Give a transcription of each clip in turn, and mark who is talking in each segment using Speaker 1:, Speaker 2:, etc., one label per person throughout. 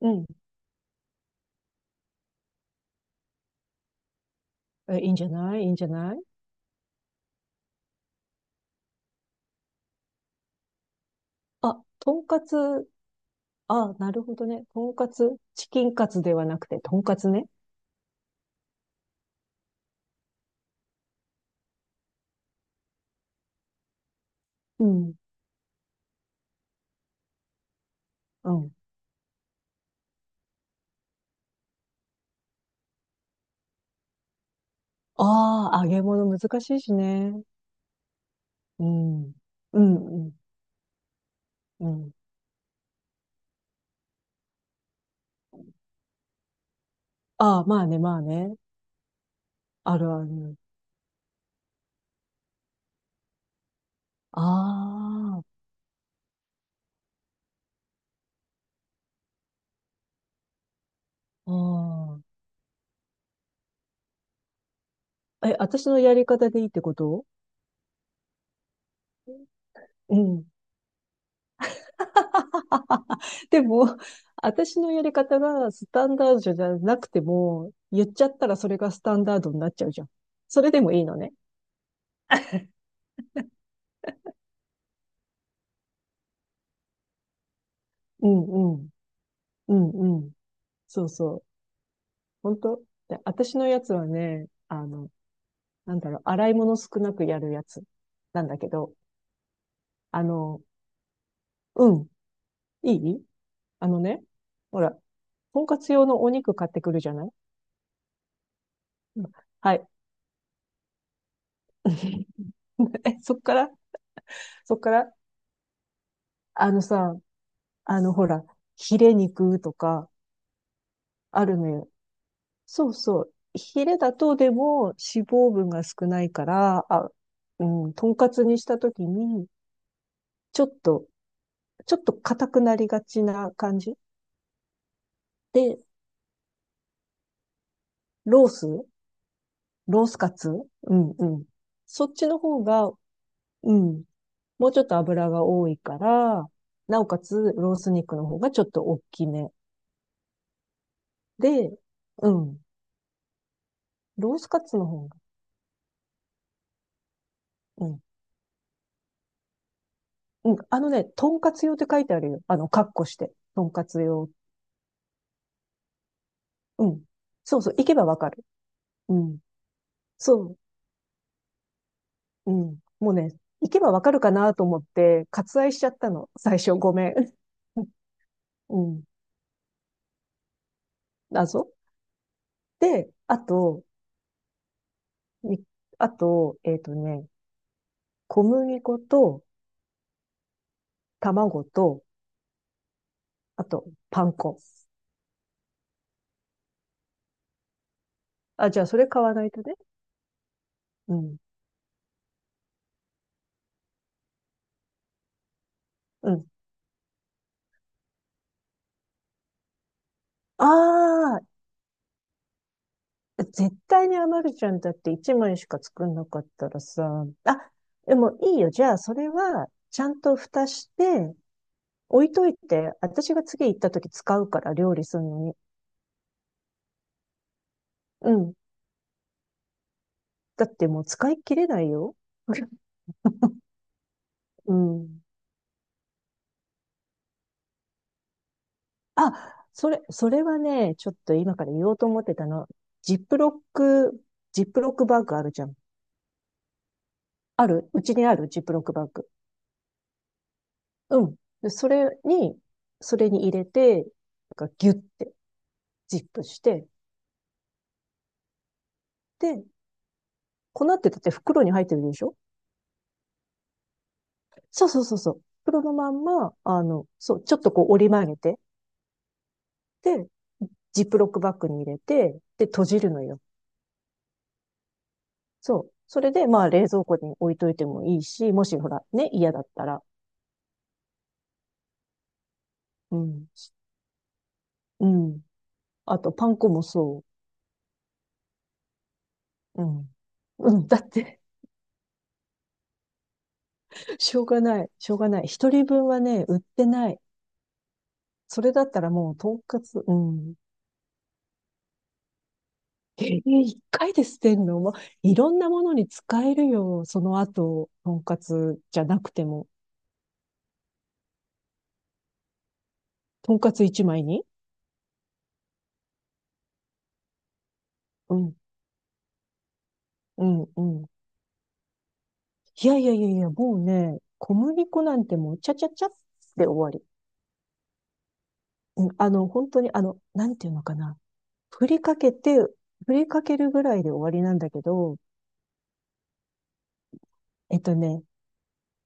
Speaker 1: うん。え、いいんじゃない？いいんじゃない？あ、とんかつ。あ、なるほどね。とんかつ。チキンカツではなくて、とんかつね。うん。うん。ああ、揚げ物難しいしね。うん。うん、うん、うん。ああ、まあね、まあね。あるある。ああ、ああ。え、私のやり方でいいってこと？うん。でも、私のやり方がスタンダードじゃなくても、言っちゃったらそれがスタンダードになっちゃうじゃん。それでもいいのね。うんうん。うんうん。そうそう。本当で、私のやつはね、あの、なんだろう、洗い物少なくやるやつなんだけど、あの、うん、いい、あのね、ほら、とんかつ用のお肉買ってくるじゃない？うん。はい。え、そっから、そっから、あのさ、あの、ほら、ヒレ肉とかあるのよ。そうそう。ヒレだとでも脂肪分が少ないから、あ、うん、とんかつにしたときに、ちょっと、硬くなりがちな感じで、ロース。ロースカツ。うんうん。そっちの方が、うん。もうちょっと油が多いから、なおかつロース肉の方がちょっと大きめ。で、うん。ロースカツの方が、うん。うん。あのね、とんかつ用って書いてあるよ。あの、カッコして。とんかつ用。うん。そうそう。行けばわかる。うん。そう。うん。もうね、行けばわかるかなと思って、割愛しちゃったの。最初ごめん。うん。謎で、あと、に、あと、小麦粉と卵と、あと、パン粉。あ、じゃあ、それ買わないとね。うん。うん。ああ、絶対に余るじゃん。だって1枚しか作んなかったらさ。あ、でもいいよ。じゃあ、それは、ちゃんと蓋して、置いといて、私が次行った時使うから、料理するのに。うん。だってもう使い切れないよ。うん。あ、それはね、ちょっと今から言おうと思ってたの。ジップロック、ジップロックバッグあるじゃん。あるうちにあるジップロックバッグ。うん。で、それに入れて、なんかギュッて、ジップして、で、粉ってだって袋に入ってるでしょ？そうそうそうそう。袋のまんま、あの、そう、ちょっとこう折り曲げて、で、ジップロックバッグに入れて、で、閉じるのよ。そう。それで、まあ、冷蔵庫に置いといてもいいし、もしほら、ね、嫌だったら。うん。うん。あと、パン粉もそう。うん。うん。だって しょうがない。しょうがない。一人分はね、売ってない。それだったらもう、とんかつ、うん。一回で捨てんのもう、いろんなものに使えるよ。その後、とんかつじゃなくても。とんかつ一枚に。うん。うん。うん。いやいやいやいや、もうね、小麦粉なんてもう、ちゃちゃちゃって終わり。うん、あの、本当に、あの、なんていうのかな。振りかけて、振りかけるぐらいで終わりなんだけど、えっとね、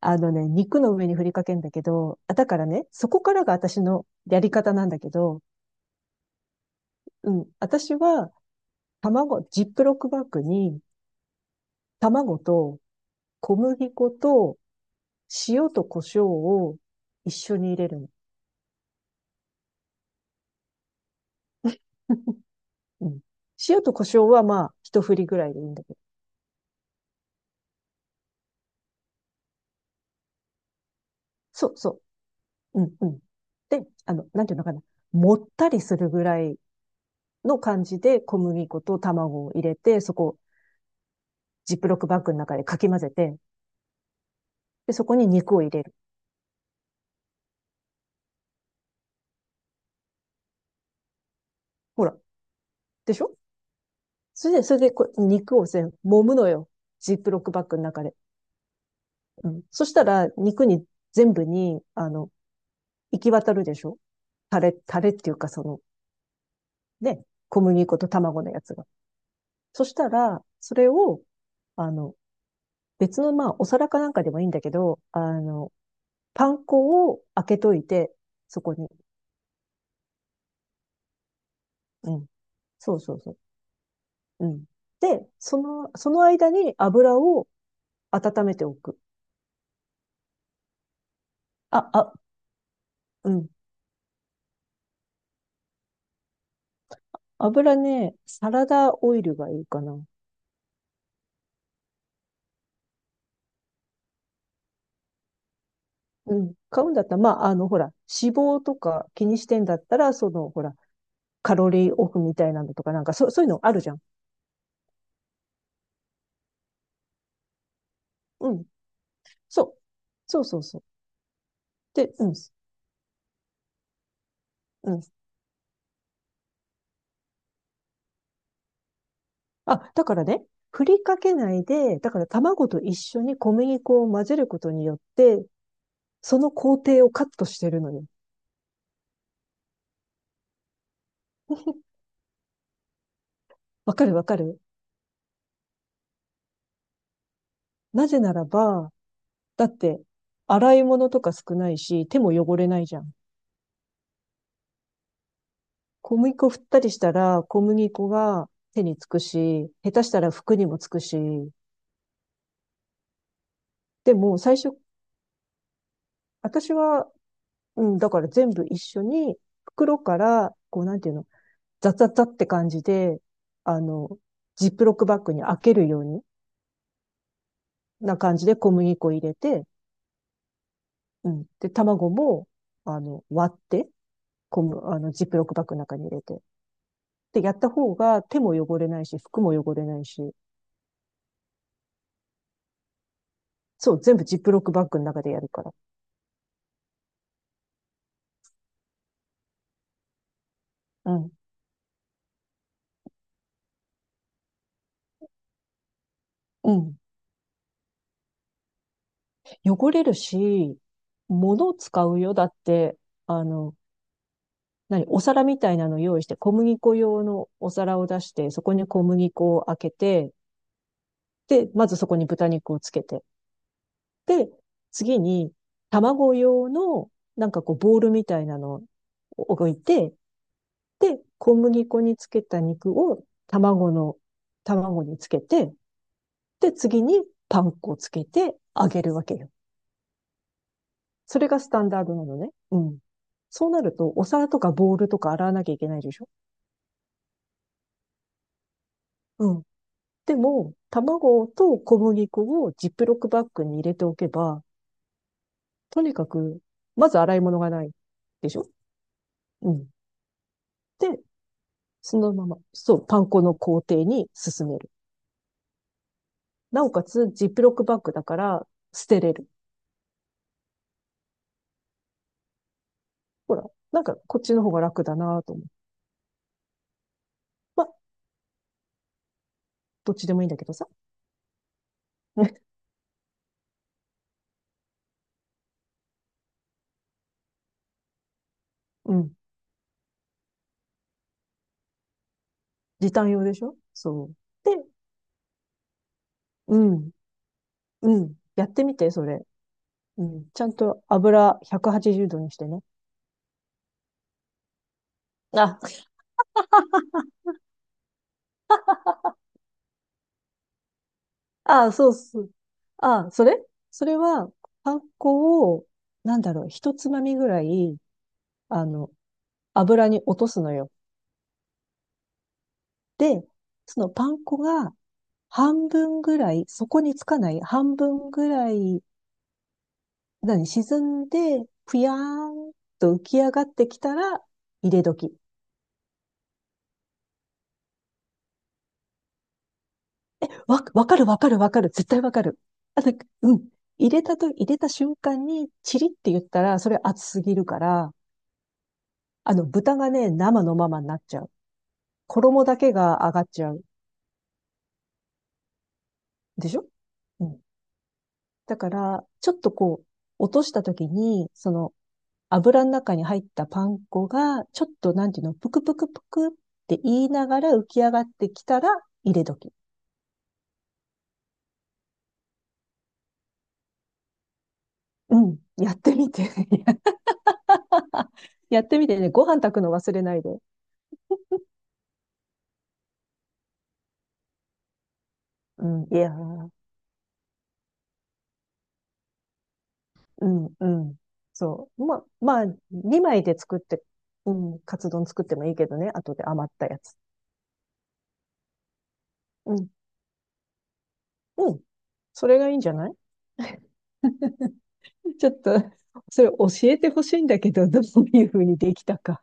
Speaker 1: あのね、肉の上に振りかけんだけど、あ、だからね、そこからが私のやり方なんだけど、うん、私は卵、ジップロックバッグに卵と小麦粉と塩と胡椒を一緒に入れるの。うん、塩と胡椒はまあ、一振りぐらいでいいんだけど。そうそう。うん、うん。で、あの、なんていうのかな。もったりするぐらいの感じで小麦粉と卵を入れて、そこをジップロックバッグの中でかき混ぜて、で、そこに肉を入れる。ほら。でしょ？それでこう、肉を全揉むのよ。ジップロックバッグの中で。うん。そしたら、肉に、全部に、あの、行き渡るでしょ？タレっていうか、その、ね、小麦粉と卵のやつが。そしたら、それを、あの、別の、まあ、お皿かなんかでもいいんだけど、あの、パン粉を開けといて、そこに。うん。そうそうそう。うん。で、その間に油を温めておく。あ、あ、うん。油ね、サラダオイルがいいかな。うん。買うんだったら、まあ、あの、ほら、脂肪とか気にしてんだったら、その、ほら、カロリーオフみたいなのとか、なんか、そう、そういうのあるじゃん。うん。そう。そうそうそう。で、うん。うん。あ、だからね、振りかけないで、だから卵と一緒に小麦粉を混ぜることによって、その工程をカットしてるのよ。わかるわかる。なぜならば、だって、洗い物とか少ないし、手も汚れないじゃん。小麦粉振ったりしたら、小麦粉が手につくし、下手したら服にもつくし、でも最初、私は、うん、だから全部一緒に、袋から、こうなんていうの、ザザザって感じで、あの、ジップロックバッグに開けるようにな感じで小麦粉入れて、うん。で、卵も、あの、割って、あの、ジップロックバッグの中に入れて。で、やった方が手も汚れないし、服も汚れないし、そう、全部ジップロックバッグの中でやるから。うん。うん。汚れるし、物を使うよ。だって、あの、何、お皿みたいなの用意して、小麦粉用のお皿を出して、そこに小麦粉を開けて、で、まずそこに豚肉をつけて、で、次に卵用の、なんかこう、ボールみたいなのを置いて、で、小麦粉につけた肉を卵につけて、で、次にパン粉をつけて揚げるわけよ。それがスタンダードなのね。うん。そうなると、お皿とかボウルとか洗わなきゃいけないでしょ？うん。でも、卵と小麦粉をジップロックバッグに入れておけば、とにかく、まず洗い物がないでしょ？うん。で、そのまま、そう、パン粉の工程に進める。なおかつ、ジップロックバッグだから、捨てれる。ほら、なんか、こっちの方が楽だなと思う。まあ、どっちでもいいんだけどさ。うん。時短用でしょ？そう。で、うん、うん。やってみて、それ。うん。ちゃんと油180度にしてね。あ、ああそうそう。ああ、それは、パン粉を、なんだろう、一つまみぐらい、あの、油に落とすのよ。で、そのパン粉が半分ぐらい、そこにつかない半分ぐらい、何、沈んで、ぷやーんと浮き上がってきたら、入れ時。わかるわかるわかる。絶対わかる。あ、なんか、うん。入れた瞬間に、チリって言ったら、それ熱すぎるから、あの、豚がね、生のままになっちゃう。衣だけが上がっちゃう。でしょ？うん。だから、ちょっとこう、落とした時に、その、油の中に入ったパン粉が、ちょっと、なんていうの、ぷくぷくぷくって言いながら浮き上がってきたら、入れ時。うん。やってみて。やってみてね。ご飯炊くの忘れないで。うん。いやー。うん、うん。そう。まあ、2枚で作って、うん、カツ丼作ってもいいけどね。後で余ったやつ。うん、うん。それがいいんじゃない？ ちょっと、それ教えてほしいんだけど、どういうふうにできたか。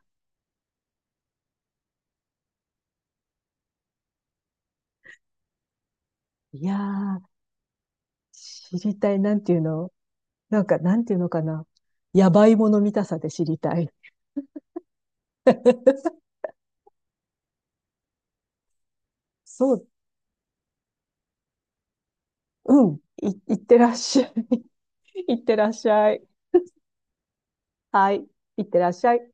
Speaker 1: いやー、知りたい。なんていうの？なんか、なんていうのかな。やばいもの見たさで知りたい。そう、うん。いってらっしゃい。いってらっしゃい。はい。いってらっしゃい。